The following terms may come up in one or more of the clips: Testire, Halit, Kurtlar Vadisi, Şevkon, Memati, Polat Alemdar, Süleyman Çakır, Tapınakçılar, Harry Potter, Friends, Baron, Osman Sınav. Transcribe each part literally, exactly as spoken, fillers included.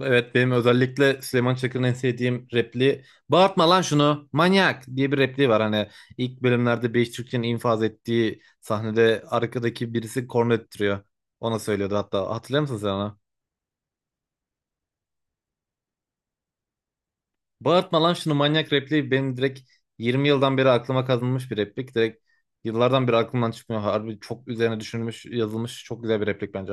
Evet, benim özellikle Süleyman Çakır'ın en sevdiğim repliği bağırtma lan şunu manyak diye bir repliği var. Hani ilk bölümlerde Beyiş Türkçe'nin infaz ettiği sahnede arkadaki birisi korna öttürüyor. Ona söylüyordu, hatta hatırlıyor musun sen onu? Bağırtma lan şunu manyak repliği benim direkt yirmi yıldan beri aklıma kazınmış bir replik. Direkt yıllardan beri aklımdan çıkmıyor. Harbi çok üzerine düşünülmüş yazılmış çok güzel bir replik bence.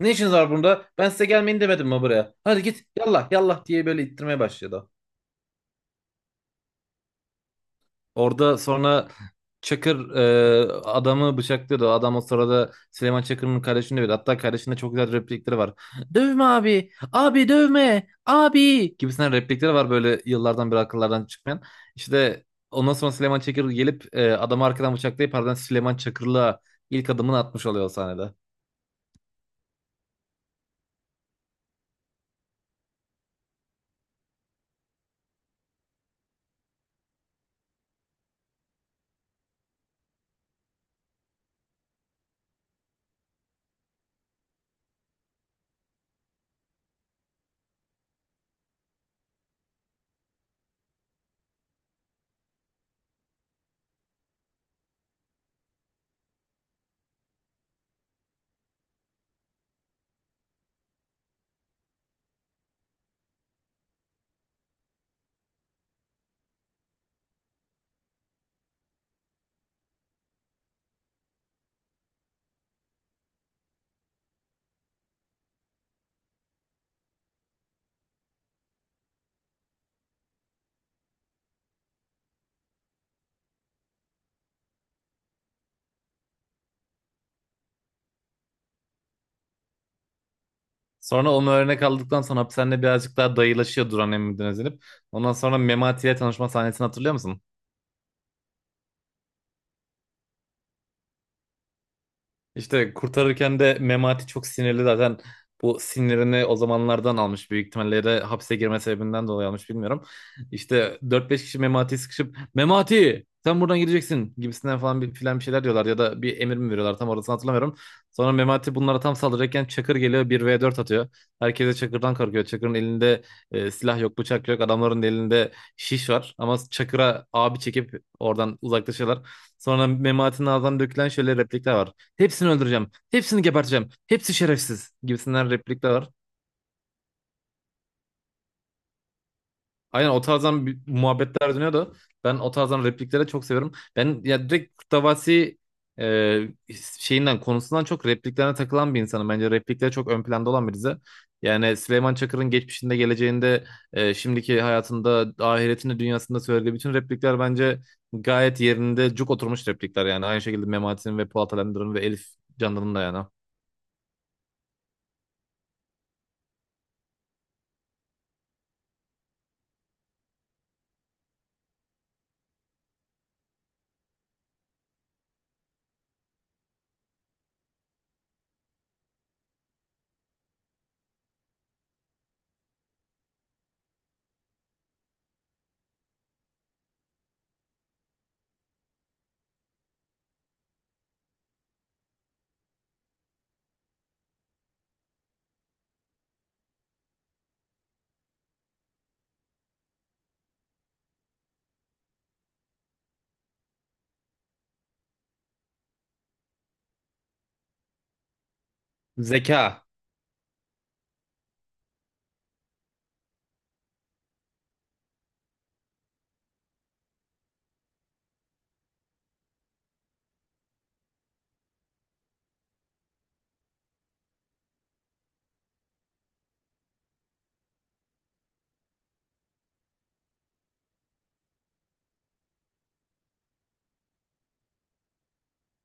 Ne işiniz var burada? Ben size gelmeyin demedim mi buraya? Hadi git yallah yallah diye böyle ittirmeye başladı. Orada sonra Çakır e, adamı bıçaklıyordu. Adam o sırada Süleyman Çakır'ın kardeşini dövüyordu. Hatta kardeşinde çok güzel replikleri var. Dövme abi, abi dövme, abi gibisinden replikleri var böyle yıllardan beri akıllardan çıkmayan. İşte ondan sonra Süleyman Çakır gelip e, adamı arkadan bıçaklayıp ardından Süleyman Çakır'la ilk adımını atmış oluyor o sahnede. Sonra onu örnek aldıktan sonra hapishanede birazcık daha dayılaşıyor Duran Emmi'den özenip. Ondan sonra Memati ile tanışma sahnesini hatırlıyor musun? İşte kurtarırken de Memati çok sinirli zaten. Bu sinirini o zamanlardan almış. Büyük ihtimalle de hapse girme sebebinden dolayı almış, bilmiyorum. İşte dört beş kişi Memati'yi sıkışıp Memati sen buradan gideceksin gibisinden falan bir filan bir şeyler diyorlar ya da bir emir mi veriyorlar, tam orasını hatırlamıyorum. Sonra Memati bunlara tam saldıracakken Çakır geliyor bir v dört atıyor. Herkese Çakır'dan korkuyor. Çakır'ın elinde e, silah yok, bıçak yok, adamların da elinde şiş var ama Çakır'a abi çekip oradan uzaklaşıyorlar. Sonra Memati'nin ağzından dökülen şöyle replikler var. Hepsini öldüreceğim. Hepsini geberteceğim. Hepsi şerefsiz gibisinden replikler var. Aynen o tarzdan bir muhabbetler dönüyor da ben o tarzdan repliklere çok seviyorum. Ben ya direkt Kurtlar Vadisi e, şeyinden konusundan çok repliklerine takılan bir insanım. Bence replikleri çok ön planda olan bir dizi. Yani Süleyman Çakır'ın geçmişinde, geleceğinde, e, şimdiki hayatında, ahiretinde, dünyasında söylediği bütün replikler bence gayet yerinde cuk oturmuş replikler yani. Aynı şekilde Memati'nin ve Polat Alemdar'ın ve Elif Candan'ın da yani. Zeka.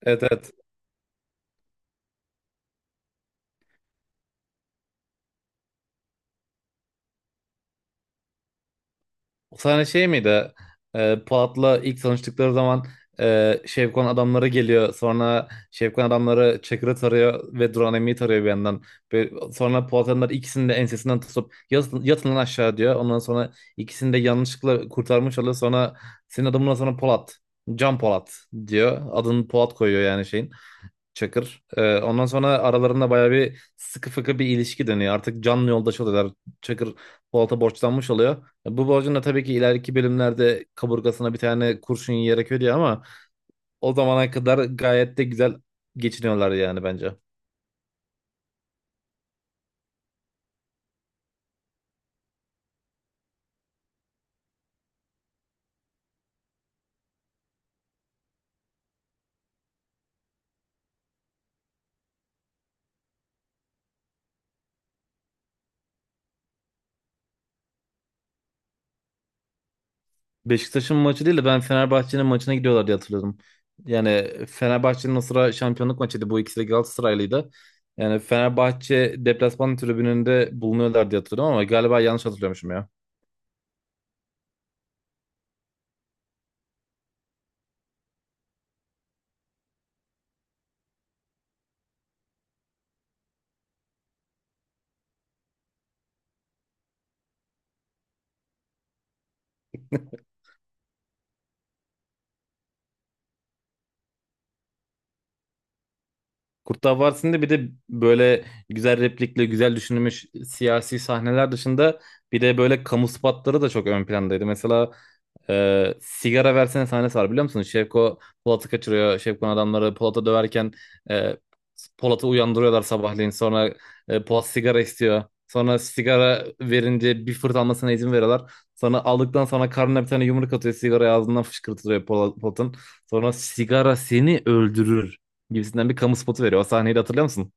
Evet, evet. O sana şey miydi? E, Polat'la ilk tanıştıkları zaman e, Şevkon adamları geliyor. Sonra Şevkon adamları Çakır'ı tarıyor ve Duran Emi'yi tarıyor bir yandan. Ve sonra Polat adamlar ikisini de ensesinden tutup yatın, yatın lan aşağı diyor. Ondan sonra ikisini de yanlışlıkla kurtarmış oluyor. Sonra senin adamına sonra Polat. Can Polat diyor. Adını Polat koyuyor yani şeyin. Çakır. Ee, ondan sonra aralarında bayağı bir sıkı fıkı bir ilişki dönüyor. Artık canlı yoldaş oluyorlar. Çakır Polat'a borçlanmış oluyor. Bu borcun da tabii ki ileriki bölümlerde kaburgasına bir tane kurşun yiyerek ödüyor ama o zamana kadar gayet de güzel geçiniyorlar yani bence. Beşiktaş'ın maçı değil de ben Fenerbahçe'nin maçına gidiyorlar diye hatırlıyordum. Yani Fenerbahçe'nin o sıra şampiyonluk maçıydı. Bu ikisi de Galatasaraylıydı. Yani Fenerbahçe deplasman tribününde bulunuyorlar diye hatırlıyorum ama galiba yanlış hatırlıyormuşum ya. Kurtlar Vadisi'nde bir de böyle güzel replikle güzel düşünülmüş siyasi sahneler dışında bir de böyle kamu spotları da çok ön plandaydı. Mesela e, sigara versene sahnesi var, biliyor musunuz? Şevko Polat'ı kaçırıyor. Şevko'nun adamları Polat'ı döverken e, Polat'ı uyandırıyorlar sabahleyin. Sonra e, Polat sigara istiyor. Sonra sigara verince bir fırt almasına izin veriyorlar. Sonra aldıktan sonra karnına bir tane yumruk atıyor. Sigara ağzından fışkırtılıyor Polat- Polat'ın. Sonra sigara seni öldürür gibisinden bir kamu spotu veriyor. O sahneyi de hatırlıyor musun?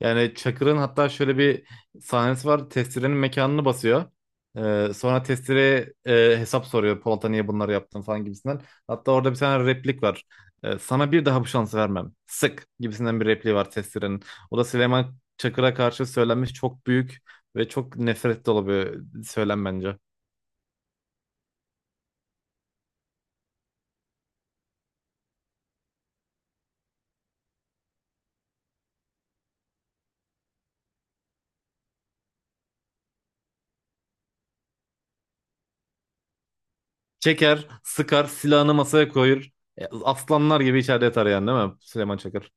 Yani Çakır'ın hatta şöyle bir sahnesi var. Testire'nin mekanını basıyor. Ee, sonra Testire e, hesap soruyor. Polat'a niye bunları yaptın falan gibisinden. Hatta orada bir tane replik var. Ee, sana bir daha bu şansı vermem. Sık gibisinden bir repliği var Testire'nin. O da Süleyman Çakır'a karşı söylenmiş çok büyük ve çok nefret dolu bir söylem bence. Çeker, sıkar, silahını masaya koyur. E, Aslanlar gibi içeride yatar yani, değil mi Süleyman Çakır?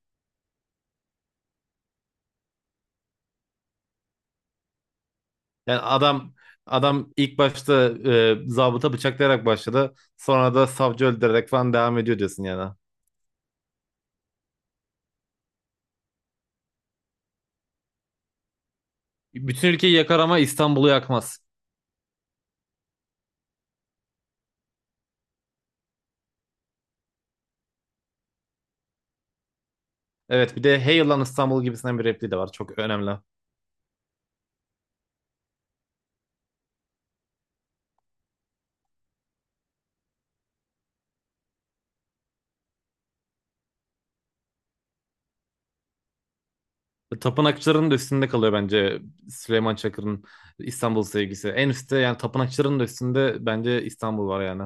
Yani adam, adam ilk başta e, zabıta bıçaklayarak başladı. Sonra da savcı öldürerek falan devam ediyor diyorsun yani. Bütün ülkeyi yakar ama İstanbul'u yakmaz. Evet, bir de Hey lan İstanbul gibisinden bir repliği de var. Çok önemli. E, Tapınakçıların da üstünde kalıyor bence Süleyman Çakır'ın İstanbul sevgisi. En üstte yani tapınakçıların da üstünde bence İstanbul var yani.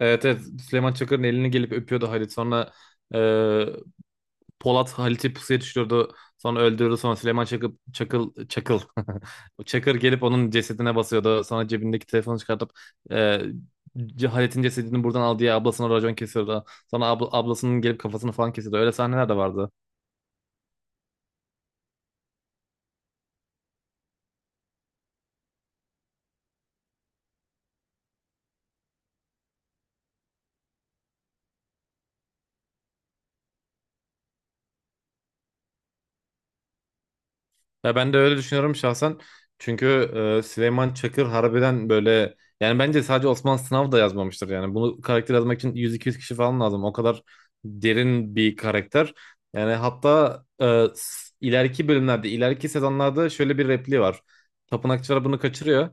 Evet, evet, Süleyman Çakır'ın elini gelip öpüyordu Halit. Sonra e, Polat Halit'i pusuya düşürdü. Sonra öldürdü. Sonra Süleyman Çakıl, Çakıl, Çakıl. Çakır gelip onun cesedine basıyordu. Sonra cebindeki telefonu çıkartıp e, C- Halit'in cesedini buradan al diye ablasına racon kesiyordu. Sonra abla- ablasının gelip kafasını falan kesiyordu. Öyle sahneler de vardı. Ya ben de öyle düşünüyorum şahsen. Çünkü e, Süleyman Çakır harbiden böyle yani bence sadece Osman Sınav da yazmamıştır yani. Bunu karakter yazmak için yüz iki yüz kişi falan lazım. O kadar derin bir karakter. Yani hatta e, s- ileriki bölümlerde, ileriki sezonlarda şöyle bir repliği var. Tapınakçılar bunu kaçırıyor.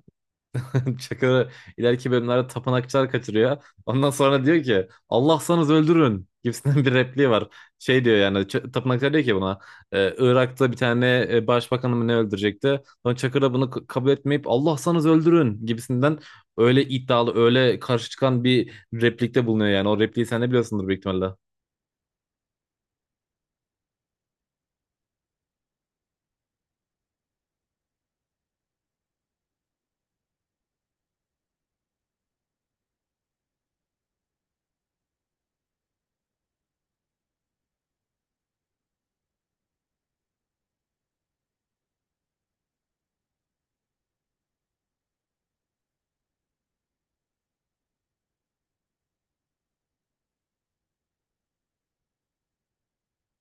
Çakır, ileriki bölümlerde tapınakçılar kaçırıyor. Ondan sonra diyor ki Allah sanız öldürün gibisinden bir repliği var. Şey diyor yani Ç- tapınakçılar diyor ki buna e, Irak'ta bir tane e, başbakanı mı ne öldürecekti. Sonra Çakır da bunu k- kabul etmeyip Allah sanız öldürün gibisinden öyle iddialı, öyle karşı çıkan bir replikte bulunuyor yani. O repliği sen de biliyorsundur büyük ihtimalle.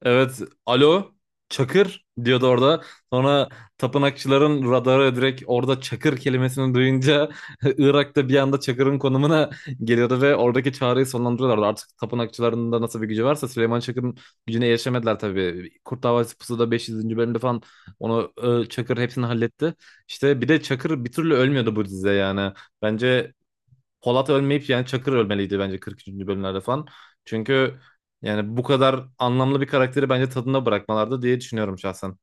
Evet, alo Çakır diyordu orada. Sonra tapınakçıların radarı direkt orada Çakır kelimesini duyunca Irak'ta bir anda Çakır'ın konumuna geliyordu ve oradaki çağrıyı sonlandırıyorlardı. Artık tapınakçıların da nasıl bir gücü varsa Süleyman Çakır'ın gücüne erişemediler tabii. Kurt Davası Pusu'da beş yüzüncü. bölümde falan onu e, Çakır hepsini halletti. İşte bir de Çakır bir türlü ölmüyordu bu dizide yani. Bence Polat ölmeyip yani Çakır ölmeliydi bence kırk üçüncü bölümlerde falan. Çünkü yani bu kadar anlamlı bir karakteri bence tadında bırakmalardı diye düşünüyorum şahsen.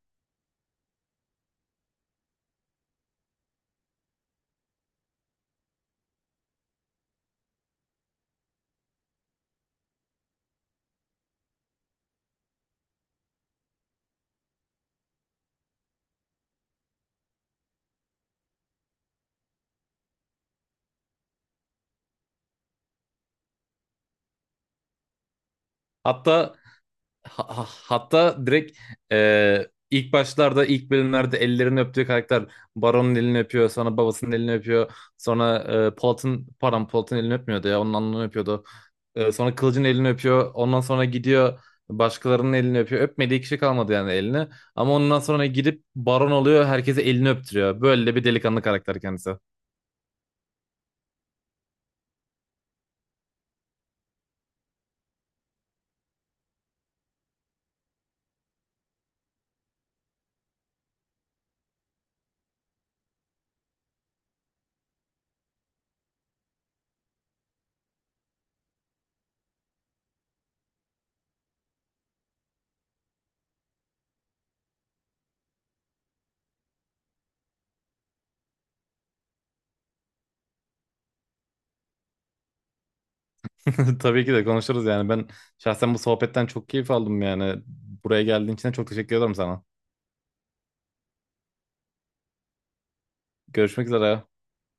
Hatta Ha- ha- hatta direkt e, ilk başlarda ilk bölümlerde ellerini öptüğü karakter Baron'un elini öpüyor, sonra babasının elini öpüyor, sonra e, Polat'ın, pardon Polat'ın elini öpmüyordu ya, onun alnını öpüyordu. E, sonra Kılıç'ın elini öpüyor, ondan sonra gidiyor başkalarının elini öpüyor, öpmediği kişi kalmadı yani elini, ama ondan sonra gidip Baron oluyor, herkese elini öptürüyor, böyle de bir delikanlı karakter kendisi. Tabii ki de konuşuruz yani. Ben şahsen bu sohbetten çok keyif aldım yani. Buraya geldiğin için de çok teşekkür ederim sana. Görüşmek üzere.